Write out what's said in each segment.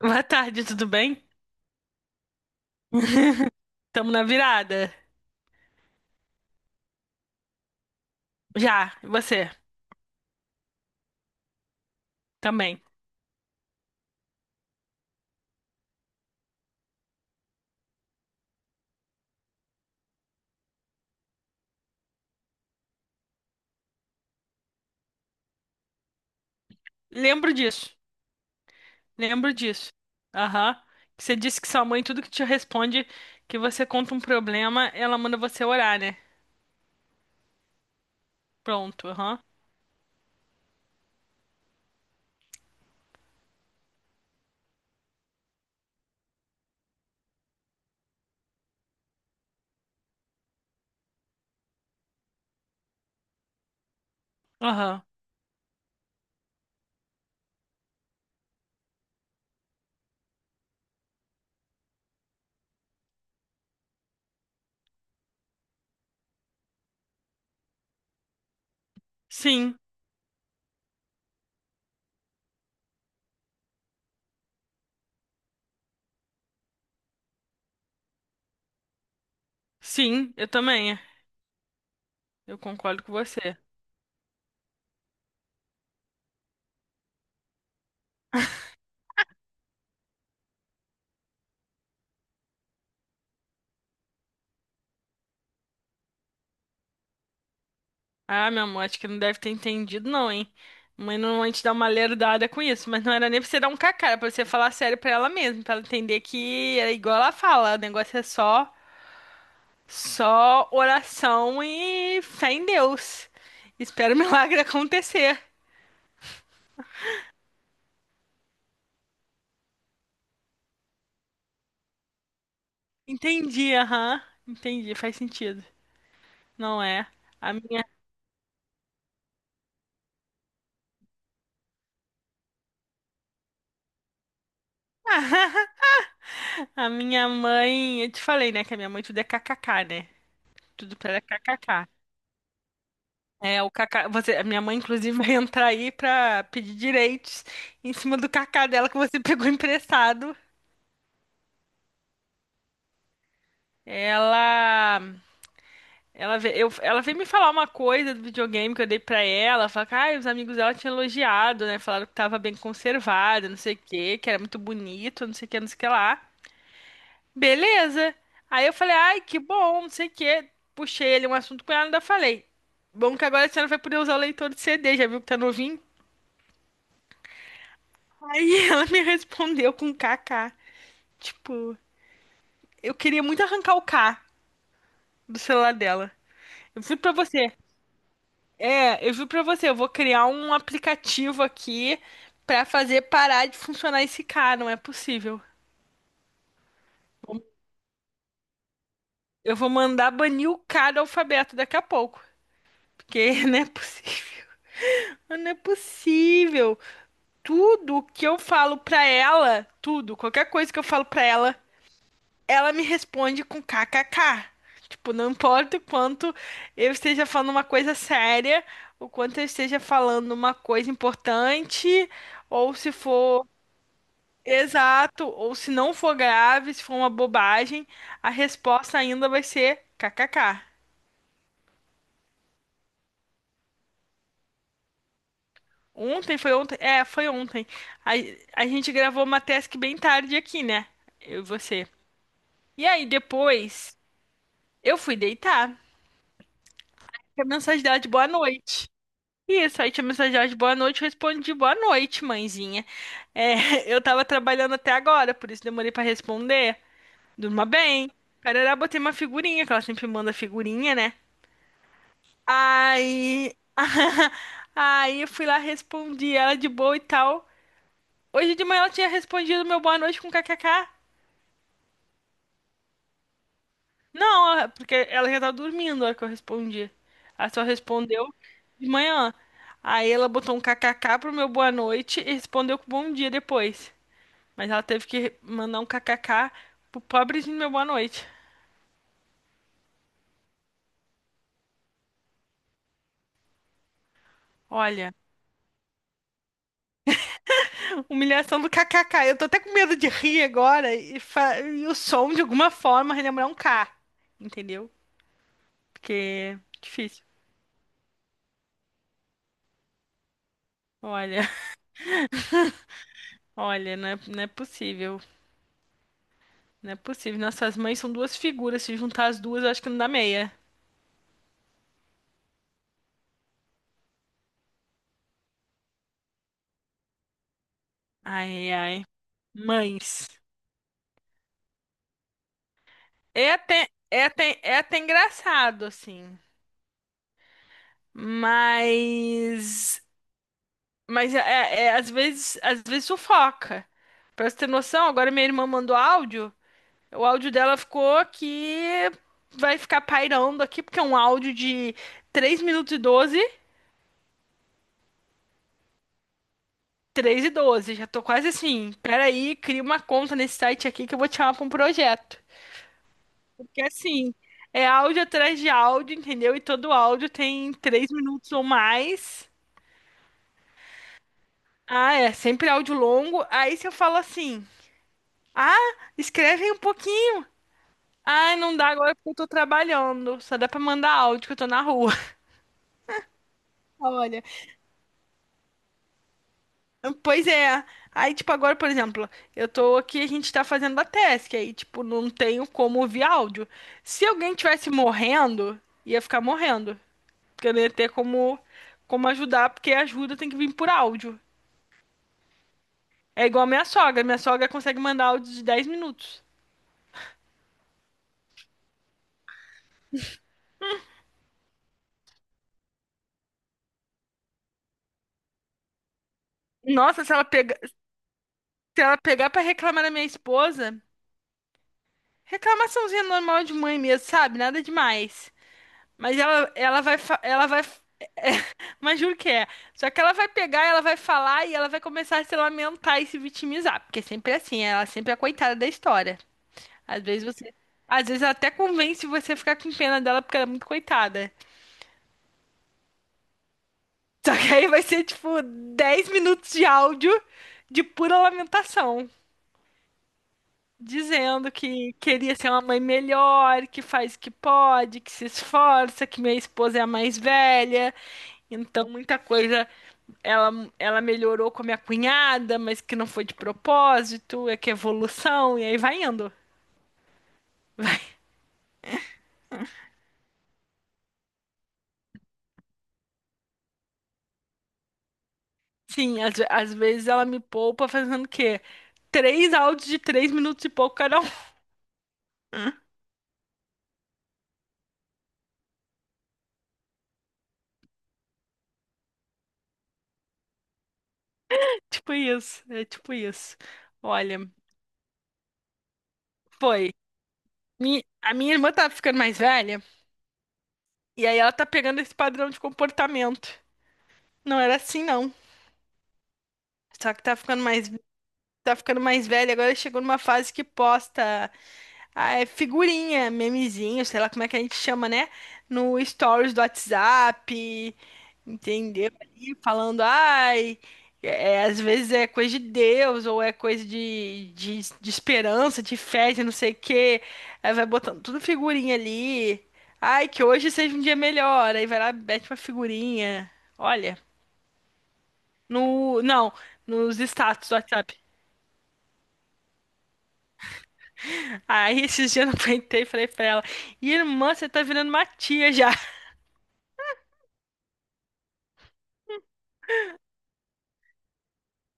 Boa tarde, tudo bem? Tamo na virada. Já, e você também. Lembro disso. Lembro disso. Aham. Você disse que sua mãe, tudo que te responde, que você conta um problema, ela manda você orar, né? Pronto, aham. Aham. Sim, sim, eu também. Eu concordo com você. Ah, meu amor, acho que não deve ter entendido, não, hein? Mãe normalmente dá uma lerdada com isso, mas não era nem pra você dar um cacá, era pra você falar sério pra ela mesmo, pra ela entender que é igual ela fala, o negócio é só. Só oração e fé em Deus. Espero o milagre acontecer. Entendi, aham. Entendi, faz sentido. Não é? A minha, a minha mãe, eu te falei, né, que a minha mãe tudo é kkk, né? Tudo pra ela é kkk. É, o kkk, você, a minha mãe inclusive vai entrar aí pra pedir direitos em cima do kkk dela que você pegou emprestado. Ela ela veio me falar uma coisa do videogame que eu dei pra ela. Falar que ah, os amigos dela tinham elogiado, né? Falaram que tava bem conservado, não sei o quê, que era muito bonito, não sei o que, não sei o que lá. Beleza. Aí eu falei, ai, que bom, não sei o quê. Puxei ele um assunto com ela e ainda falei. Bom que agora a senhora vai poder usar o leitor de CD, já viu que tá novinho? Aí ela me respondeu com KK. Tipo, eu queria muito arrancar o K do celular dela. Eu fui pra você. É, eu juro pra você, eu vou criar um aplicativo aqui pra fazer parar de funcionar esse cara, não é possível. Eu vou mandar banir o cara do alfabeto daqui a pouco, porque não é possível. Não é possível. Tudo que eu falo pra ela, tudo, qualquer coisa que eu falo pra ela, ela me responde com kkk. Tipo, não importa o quanto eu esteja falando uma coisa séria, o quanto eu esteja falando uma coisa importante, ou se for. Exato, ou se não for grave, se for uma bobagem, a resposta ainda vai ser kkk. Ontem foi ontem, é, foi ontem. A, a gente gravou uma task bem tarde aqui, né? Eu e você. E aí depois eu fui deitar. Tinha mensagem dela de boa noite. Isso, aí tinha mensagem dela de boa noite, eu respondi boa noite, mãezinha. É, eu tava trabalhando até agora, por isso demorei pra responder. Durma bem. Carará, botei uma figurinha, que ela sempre manda figurinha, né? Aí, aí eu fui lá, respondi ela de boa e tal. Hoje de manhã ela tinha respondido meu boa noite com kkk. Não, é porque ela já tava dormindo na hora que eu respondi. Ela só respondeu de manhã. Aí ela botou um kkk pro meu boa noite e respondeu com bom dia depois. Mas ela teve que mandar um kkk pro pobrezinho do meu boa noite. Olha, humilhação do kkk. Eu tô até com medo de rir agora e o som de alguma forma relembrar um K, entendeu? Porque é difícil. Olha, olha, não é, não é possível. Não é possível. Nossas mães são duas figuras. Se juntar as duas, eu acho que não dá meia. Ai, ai. Mães. É até engraçado, assim. Mas. Mas às vezes sufoca. Pra você ter noção, agora minha irmã mandou áudio. O áudio dela ficou que vai ficar pairando aqui, porque é um áudio de 3 minutos e 12 3 e 12 já tô quase assim. Peraí, cria uma conta nesse site aqui que eu vou te chamar pra um projeto. Porque assim, é áudio atrás de áudio, entendeu? E todo áudio tem 3 minutos ou mais. Ah, é, sempre áudio longo. Aí se eu falo assim, ah, escreve aí um pouquinho. Ah, não dá agora porque eu tô trabalhando. Só dá pra mandar áudio que eu tô na rua. Olha. Pois é. Aí, tipo, agora, por exemplo, eu tô aqui, a gente tá fazendo a task, aí, tipo, não tenho como ouvir áudio. Se alguém tivesse morrendo, ia ficar morrendo. Porque eu não ia ter como ajudar, porque a ajuda tem que vir por áudio. É igual a minha sogra. Minha sogra consegue mandar áudio de 10 minutos. Nossa, se ela pegar pra reclamar da minha esposa, reclamaçãozinha normal de mãe mesmo, sabe? Nada demais. Mas ela vai, mas juro que é. Só que ela vai pegar, ela vai falar e ela vai começar a se lamentar e se vitimizar, porque sempre é assim, ela sempre é a coitada da história. Às vezes você, às vezes ela até convence você a ficar com pena dela porque ela é muito coitada. Só que aí vai ser tipo 10 minutos de áudio de pura lamentação, dizendo que queria ser uma mãe melhor, que faz o que pode, que se esforça, que minha esposa é a mais velha, então muita coisa ela, ela melhorou com a minha cunhada, mas que não foi de propósito, é que é evolução, e aí vai indo. Vai. Sim, às vezes ela me poupa fazendo o quê? Três áudios de 3 minutos e pouco cada um. Tipo isso, é tipo isso. Olha, foi. A minha irmã tá ficando mais velha, e aí ela tá pegando esse padrão de comportamento. Não era assim, não. Só que tá ficando mais velha, agora chegou numa fase que posta. Ah, é figurinha, memezinho, sei lá como é que a gente chama, né? No stories do WhatsApp, entendeu? Ali falando, ai, é, é, às vezes é coisa de Deus, ou é coisa de esperança, de fé, de não sei o quê. Aí vai botando tudo figurinha ali. Ai, que hoje seja um dia melhor. Aí vai lá, mete uma figurinha. Olha, no, não, nos status do WhatsApp. Aí esses dias eu não aguentei e falei pra ela, irmã, você tá virando uma tia já.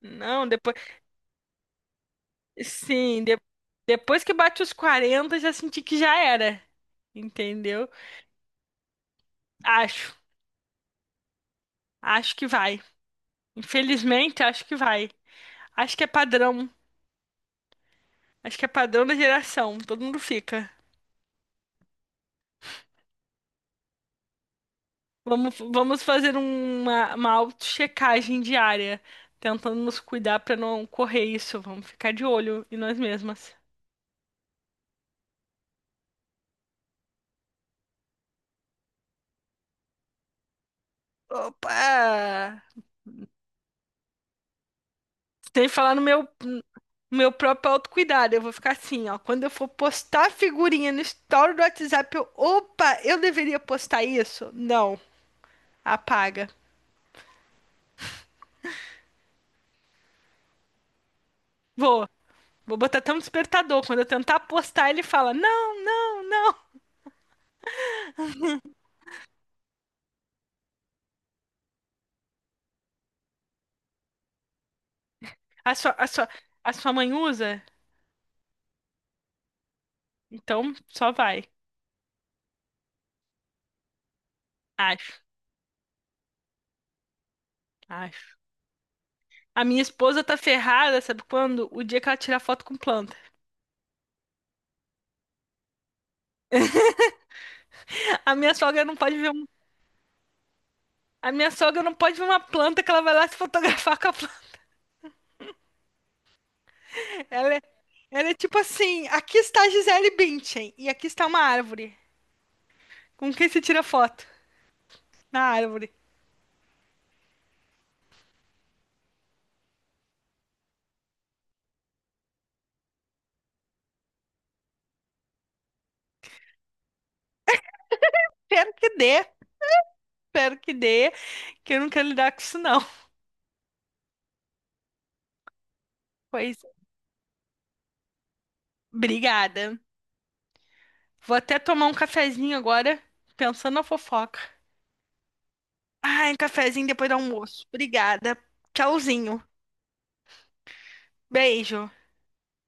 Não, depois. Sim, depois que bate os 40 já senti que já era. Entendeu? Acho. Acho que vai. Infelizmente, acho que vai. Acho que é padrão. Acho que é padrão da geração. Todo mundo fica. Vamos fazer uma auto-checagem diária. Tentando nos cuidar para não correr isso. Vamos ficar de olho em nós mesmas. Opa! Sem falar no meu Meu próprio autocuidado. Eu vou ficar assim, ó. Quando eu for postar figurinha no story do WhatsApp, eu, opa, eu deveria postar isso? Não. Apaga. Vou. Vou botar até um despertador. Quando eu tentar postar, ele fala: não, não. A sua, a sua, a sua mãe usa? Então só vai. Acho, acho. A minha esposa tá ferrada, sabe quando? O dia que ela tira foto com planta. A minha sogra não pode ver um, a minha sogra não pode ver uma planta que ela vai lá se fotografar com a planta. Ela é, ela é tipo assim: aqui está Gisele Bündchen e aqui está uma árvore. Com quem se tira foto? Na árvore. Espero que dê, espero que dê, que eu não quero lidar com isso, não. Pois, obrigada. Vou até tomar um cafezinho agora, pensando na fofoca. Ai, um cafezinho depois do almoço. Obrigada. Tchauzinho. Beijo.